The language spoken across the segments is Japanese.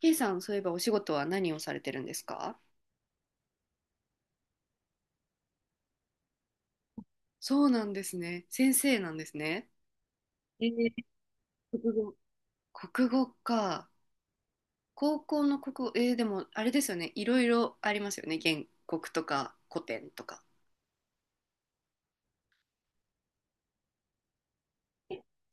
K さん、そういえばお仕事は何をされてるんですか？そうなんですね。先生なんですね。えー、国語。国語か。高校の国語、でもあれですよね。いろいろありますよね。原告とか古典とか。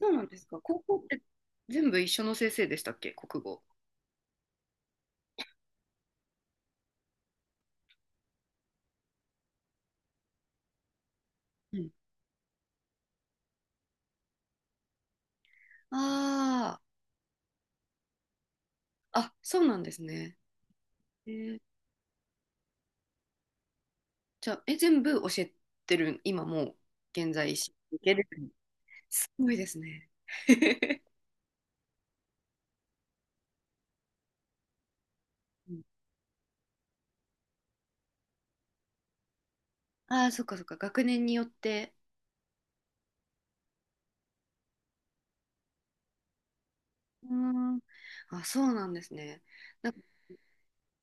そうなんですか。高校って全部一緒の先生でしたっけ、国語。うん。ああ、あ、そうなんですね。えー、じゃあ、全部教えてる、今もう、現在、いける。すごいですね。うん。ああ、そっかそっか、学年によって。うーん。あ、そうなんですね。なんか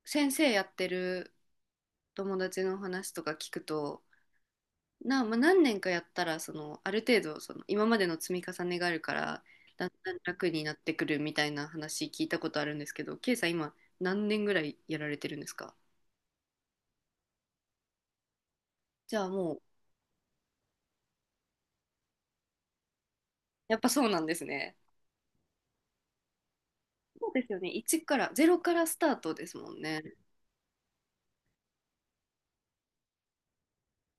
先生やってる友達の話とか聞くと、まあ、何年かやったら、そのある程度その今までの積み重ねがあるから、だんだん楽になってくるみたいな話聞いたことあるんですけど、ケイさん今何年ぐらいやられてるんですか？じゃあもう、やっぱそうなんですね。そうですよね。1からゼロからスタートですもんね。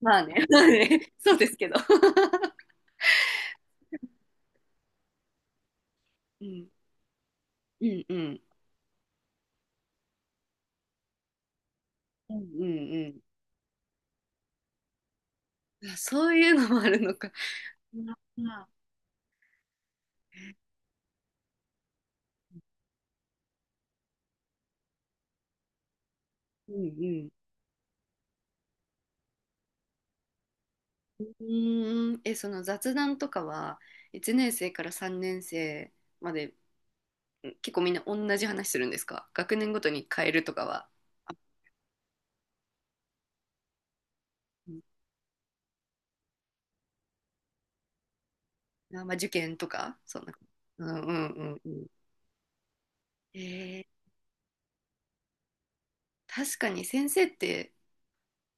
まあね、まあね、そうですけど。うん、うん、うん、うん、うん。うん、あ、そういうのもあるのか。あ、うんうん。うーん、その雑談とかは、1年生から3年生まで、結構みんな同じ話するんですか、学年ごとに変えるとかは。あ、うん。あ、まあ、受験とか、そんな。うんうんうんうん。えー、確かに先生って、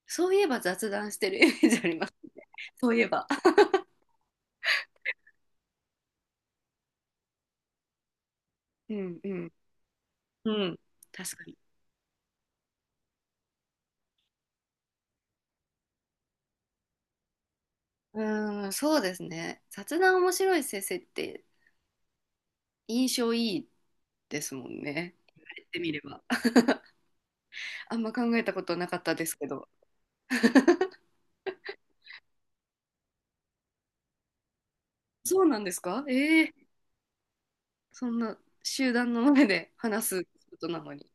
そういえば雑談してるイメージありますね。そういえば。うんうん。うん。確かに。うん、そうですね。雑談面白い先生って印象いいですもんね。言われてみれば。あんま考えたことなかったですけど。そうなんですか、ええ。そんな集団の前で話すことなのに。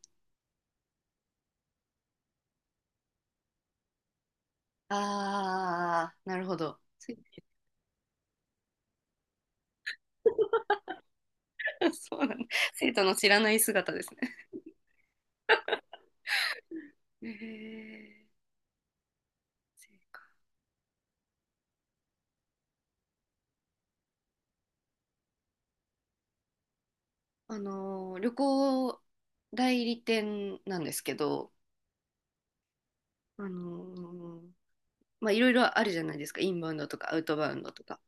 ああ、なるほど。そうなんだ。生徒の知らない姿ですね。え、え、そうか。あのー、旅行代理店なんですけど、あのー、まあ、いろいろあるじゃないですか。インバウンドとかアウトバウンドとか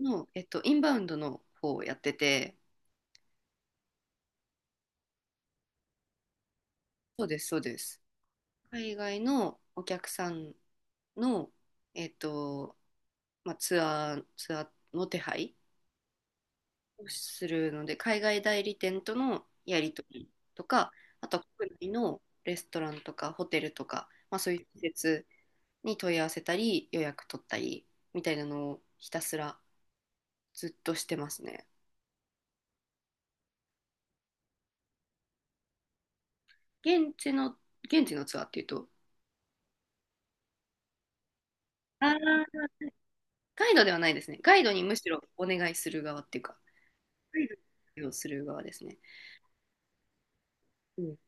の、えっと、インバウンドの方をやってて、そうです、そうです。海外のお客さんの、えっと、まあ、ツアーの手配をするので、海外代理店とのやり取りとか、あとは国内のレストランとかホテルとか、まあ、そういう施設に問い合わせたり、予約取ったりみたいなのをひたすらずっとしてますね。現地の、現地のツアーっていうと、あー、ガイドではないですね。ガイドにむしろお願いする側っていうか、ガイドをする側ですね。うん、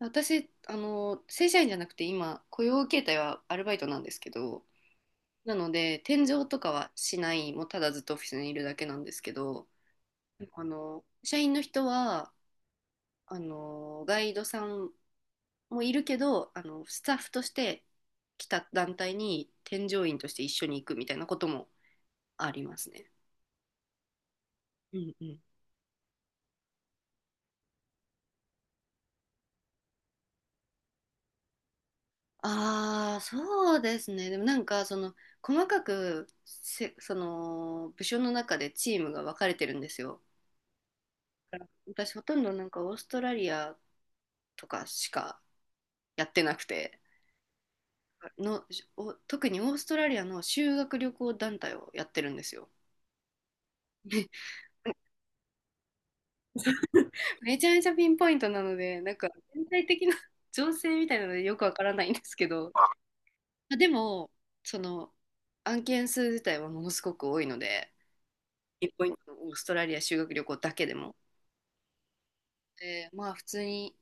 私、あの、正社員じゃなくて今、雇用形態はアルバイトなんですけど、なので、転井とかはしない、もうただずっとオフィスにいるだけなんですけど、あの、社員の人は、あの、ガイドさんもいるけど、あの、スタッフとして来た団体に添乗員として一緒に行くみたいなこともありますね。うんうん。ああ、そうですね。でもなんか、その、細かくせ、その、部署の中でチームが分かれてるんですよ。私ほとんどなんかオーストラリアとかしかやってなくて、のお特にオーストラリアの修学旅行団体をやってるんですよ。めちゃめちゃピンポイントなのでなんか全体的な 情勢みたいなのでよくわからないんですけど、まあでも、その案件数自体はものすごく多いので、ピンポイントのオーストラリア修学旅行だけでも。でまあ普通に、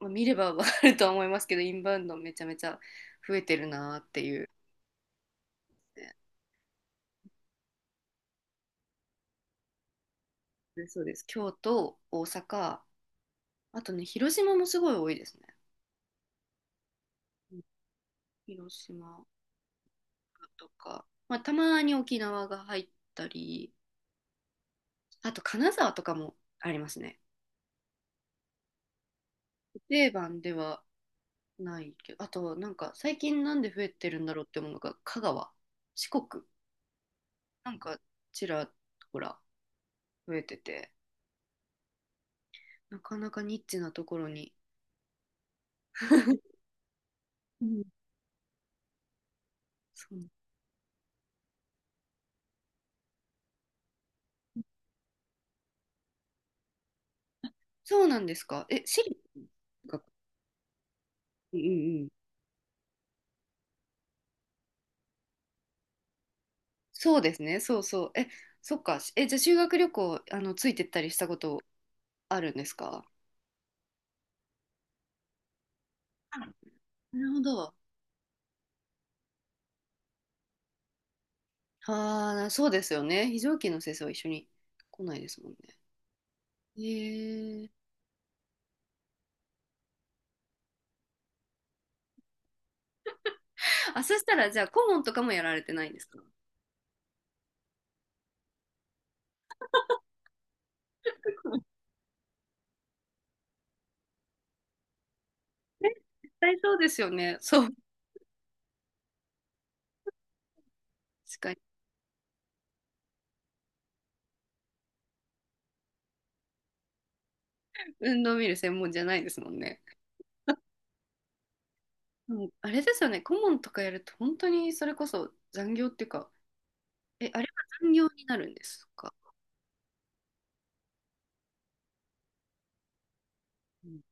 まあ見ればわかるとは思いますけど、インバウンドめちゃめちゃ増えてるなっていう。ね、そうです。京都、大阪、あとね、広島もすごい多いですね。うん、広島とか、まあ、たまに沖縄が入ったり、あと金沢とかもありますね。定番ではないけど、あとなんか最近なんで増えてるんだろうって思うのが、香川、四国、なんかちらほら増えてて、なかなかニッチなところに。うん、そう、そうなんですか。え、私立ですか？うんうんうん、そうですね、そうそう。え、そっか。じゃあ修学旅行、あの、ついてったりしたことあるんですか？はい、なるほど。ああ、そうですよね。非常勤の先生は一緒に来ないですもんね。へえ。あ、そしたら、じゃあ、顧問とかもやられてないんですか？ね、絶対そうですよね。そう。確かに。運動見る専門じゃないですもんね。うん、あれですよね。顧問とかやると、本当にそれこそ残業っていうか、あれは残業になるんですか？うん、で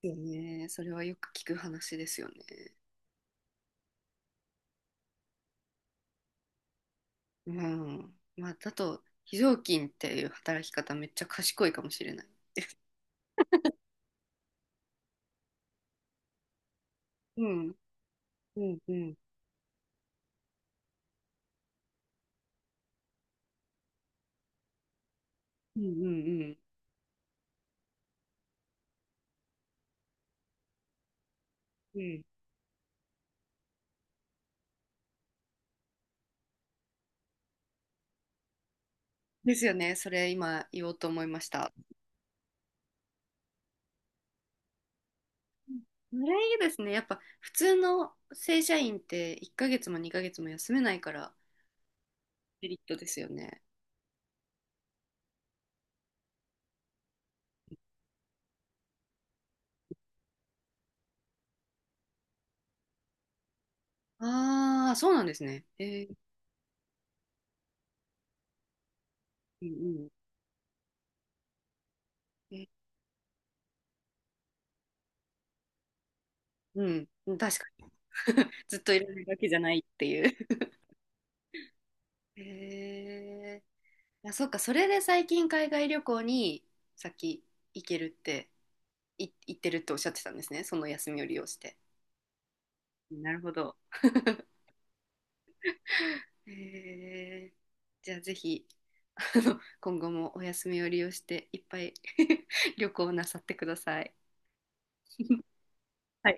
すよね。それはよく聞く話ですよね。うん。まあ、だと、非常勤っていう働き方めっちゃ賢いかもしれない。うん。うん。うん。うん。うん。うん。ですよね。それ今言おうと思いました。うれ、いいですね。やっぱ普通の正社員って1ヶ月も2ヶ月も休めないからメリットですよね。ああ、そうなんですね。えー、うんうん。えー、うんうん、うん、確かに。ずっといられるわけじゃないっていう。へえ。あ、そっか、それで最近海外旅行に先行けるって、行ってるっておっしゃってたんですね。その休みを利用して。なるほど。へえ、じゃあぜひ、あの、今後もお休みを利用していっぱい 旅行なさってください。はい。